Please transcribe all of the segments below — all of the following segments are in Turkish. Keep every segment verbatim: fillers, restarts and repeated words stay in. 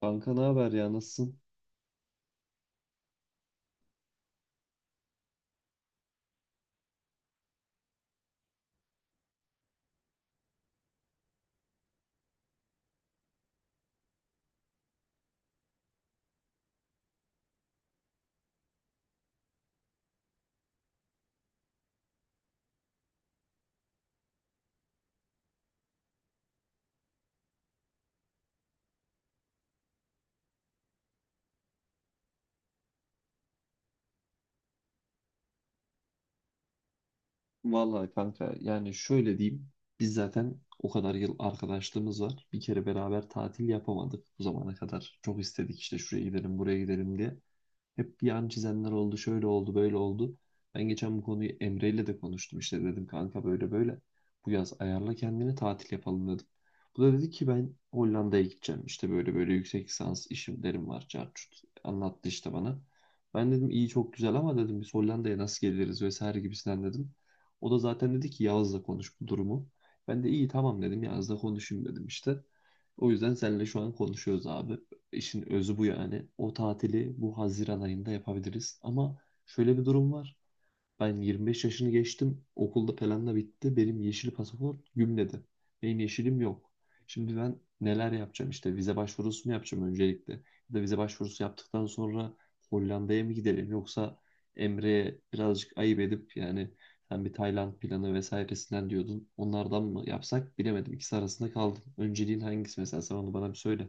Kanka ne haber ya nasılsın? Vallahi kanka yani şöyle diyeyim. Biz zaten o kadar yıl arkadaşlığımız var. Bir kere beraber tatil yapamadık bu zamana kadar. Çok istedik işte şuraya gidelim buraya gidelim diye. Hep yan çizenler oldu, şöyle oldu, böyle oldu. Ben geçen bu konuyu Emre ile de konuştum işte dedim kanka böyle böyle. Bu yaz ayarla kendini tatil yapalım dedim. Bu da dedi ki ben Hollanda'ya gideceğim işte böyle böyle yüksek lisans işimlerim var çart çut. anlattı işte bana. Ben dedim iyi çok güzel ama dedim biz Hollanda'ya nasıl geliriz vesaire gibisinden dedim. O da zaten dedi ki Yağız'la konuş bu durumu. Ben de iyi tamam dedim Yağız'la konuşayım dedim işte. O yüzden seninle şu an konuşuyoruz abi. İşin özü bu yani. O tatili bu Haziran ayında yapabiliriz. Ama şöyle bir durum var. Ben yirmi beş yaşını geçtim. Okulda falan da bitti. Benim yeşil pasaport gümledi. Benim yeşilim yok. Şimdi ben neler yapacağım? İşte vize başvurusu mu yapacağım öncelikle? Ya da vize başvurusu yaptıktan sonra Hollanda'ya mı gidelim? Yoksa Emre'ye birazcık ayıp edip yani sen bir Tayland planı vesairesinden diyordun. Onlardan mı yapsak bilemedim. İkisi arasında kaldım. Önceliğin hangisi mesela? Sen onu bana bir söyle.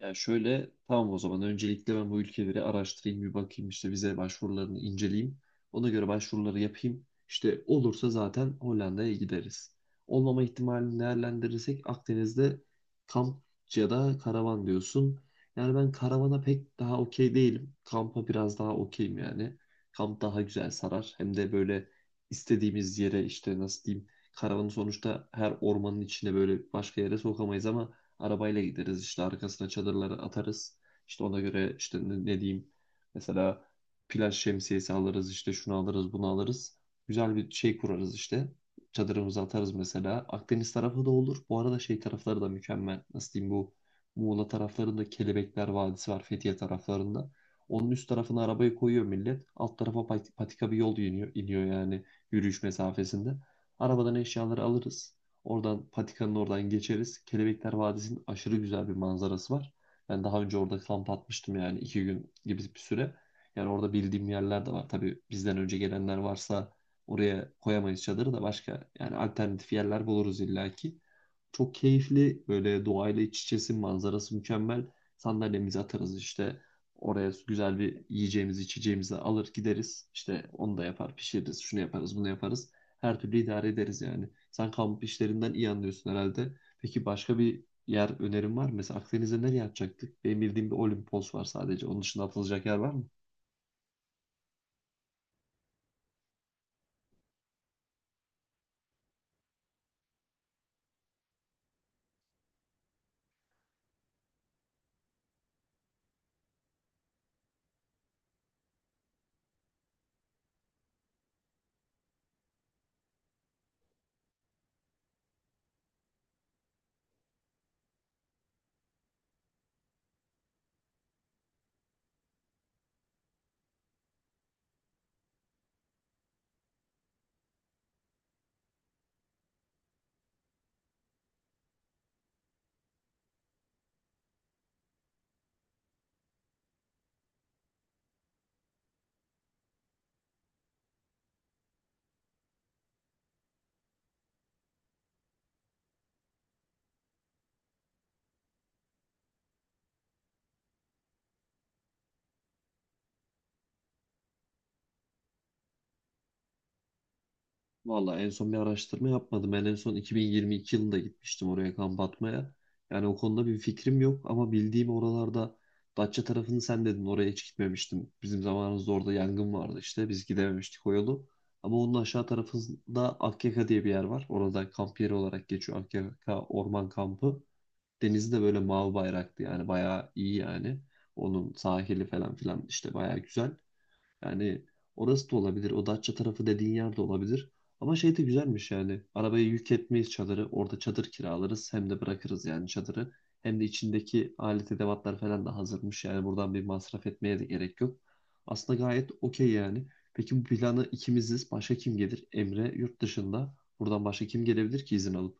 Yani şöyle, tamam, o zaman öncelikle ben bu ülkeleri araştırayım bir bakayım işte vize başvurularını inceleyeyim. Ona göre başvuruları yapayım. İşte olursa zaten Hollanda'ya gideriz. Olmama ihtimalini değerlendirirsek Akdeniz'de kamp ya da karavan diyorsun. Yani ben karavana pek daha okey değilim. Kampa biraz daha okeyim yani. Kamp daha güzel sarar. Hem de böyle istediğimiz yere işte nasıl diyeyim. Karavanı sonuçta her ormanın içine böyle başka yere sokamayız ama Arabayla gideriz işte arkasına çadırları atarız. İşte ona göre işte ne, ne diyeyim mesela plaj şemsiyesi alırız işte şunu alırız bunu alırız. Güzel bir şey kurarız işte. Çadırımızı atarız mesela. Akdeniz tarafı da olur. Bu arada şey tarafları da mükemmel. Nasıl diyeyim, bu Muğla taraflarında Kelebekler Vadisi var Fethiye taraflarında. Onun üst tarafına arabayı koyuyor millet. Alt tarafa pat- patika bir yol iniyor, iniyor yani yürüyüş mesafesinde. Arabadan eşyaları alırız. Oradan patikanın oradan geçeriz. Kelebekler Vadisi'nin aşırı güzel bir manzarası var. Ben daha önce orada kamp atmıştım yani iki gün gibi bir süre. Yani orada bildiğim yerler de var. Tabii bizden önce gelenler varsa oraya koyamayız çadırı da başka yani alternatif yerler buluruz illaki. Çok keyifli, böyle doğayla iç içesin, manzarası mükemmel. Sandalyemizi atarız işte oraya, güzel bir yiyeceğimizi içeceğimizi alır gideriz. İşte onu da yapar pişiririz, şunu yaparız bunu yaparız. Her türlü idare ederiz yani. Sen kamp işlerinden iyi anlıyorsun herhalde. Peki başka bir yer önerin var mı? Mesela Akdeniz'e nereye atacaktık? Benim bildiğim bir Olimpos var sadece. Onun dışında atılacak yer var mı? Valla en son bir araştırma yapmadım. Ben en son iki bin yirmi iki yılında gitmiştim oraya kamp atmaya. Yani o konuda bir fikrim yok ama bildiğim oralarda Datça tarafını sen dedin, oraya hiç gitmemiştim. Bizim zamanımızda orada yangın vardı işte, biz gidememiştik o yolu. Ama onun aşağı tarafında Akyaka diye bir yer var. Orada kamp yeri olarak geçiyor, Akyaka Orman Kampı. Denizi de böyle mavi bayraktı yani, bayağı iyi yani. Onun sahili falan filan işte bayağı güzel. Yani orası da olabilir. O Datça tarafı dediğin yer de olabilir. Ama şey de güzelmiş yani. Arabaya yük etmeyiz çadırı. Orada çadır kiralarız. Hem de bırakırız yani çadırı. Hem de içindeki alet edevatlar falan da hazırmış. Yani buradan bir masraf etmeye de gerek yok. Aslında gayet okey yani. Peki bu planı ikimiziz. Başka kim gelir? Emre yurt dışında. Buradan başka kim gelebilir ki izin alıp?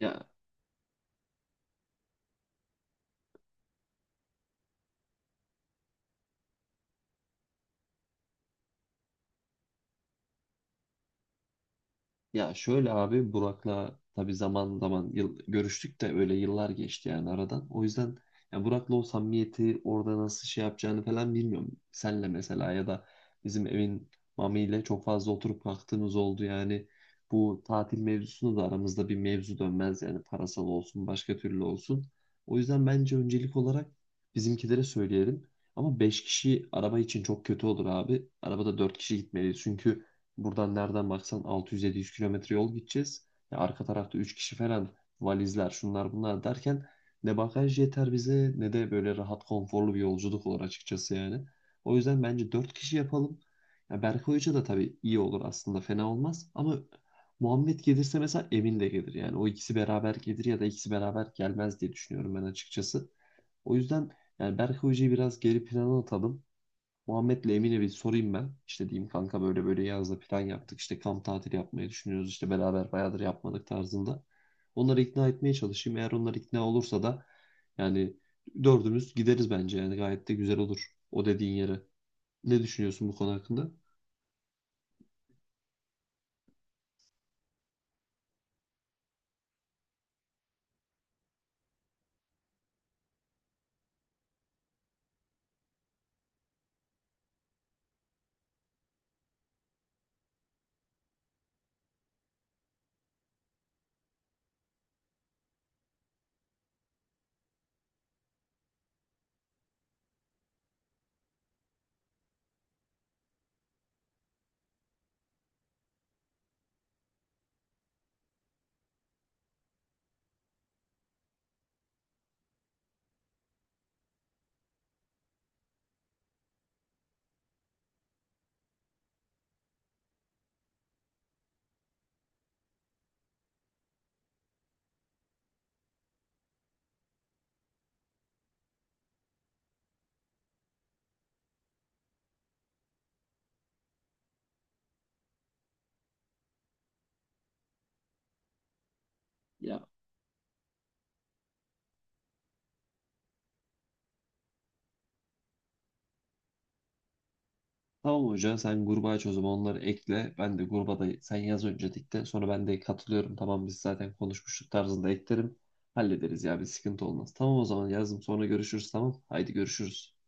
Ya Ya şöyle abi, Burak'la tabii zaman zaman yıl, görüştük de öyle yıllar geçti yani aradan. O yüzden ya Burak'la o samimiyeti orada nasıl şey yapacağını falan bilmiyorum. Senle mesela, ya da bizim evin Mami ile çok fazla oturup kalktığımız oldu yani. Bu tatil mevzusunu da aramızda bir mevzu dönmez yani, parasal olsun başka türlü olsun. O yüzden bence öncelik olarak bizimkilere söyleyelim. Ama beş kişi araba için çok kötü olur abi. Arabada dört kişi gitmeliyiz, çünkü Buradan nereden baksan altı yüz yedi yüz kilometre yol gideceğiz. Ya arka tarafta üç kişi falan, valizler şunlar bunlar derken ne bagaj yeter bize ne de böyle rahat konforlu bir yolculuk olur açıkçası yani. O yüzden bence dört kişi yapalım. Ya Berkay Hoca da tabii iyi olur aslında, fena olmaz ama Muhammed gelirse mesela Emin de gelir. Yani o ikisi beraber gelir ya da ikisi beraber gelmez diye düşünüyorum ben açıkçası. O yüzden yani Berkay Hoca'yı biraz geri plana atalım. Muhammed'le Emine bir sorayım ben. İşte diyeyim kanka böyle böyle, yazda plan yaptık. İşte kamp tatili yapmayı düşünüyoruz. İşte beraber bayağıdır yapmadık tarzında. Onları ikna etmeye çalışayım. Eğer onlar ikna olursa da yani dördümüz gideriz bence. Yani gayet de güzel olur o dediğin yere. Ne düşünüyorsun bu konu hakkında? Ya tamam hoca, sen gruba aç o zaman, onları ekle. Ben de gruba da sen yaz öncelikle. Sonra ben de katılıyorum. Tamam biz zaten konuşmuştuk tarzında eklerim. Hallederiz ya, bir sıkıntı olmaz. Tamam o zaman, yazdım sonra görüşürüz tamam. Haydi görüşürüz.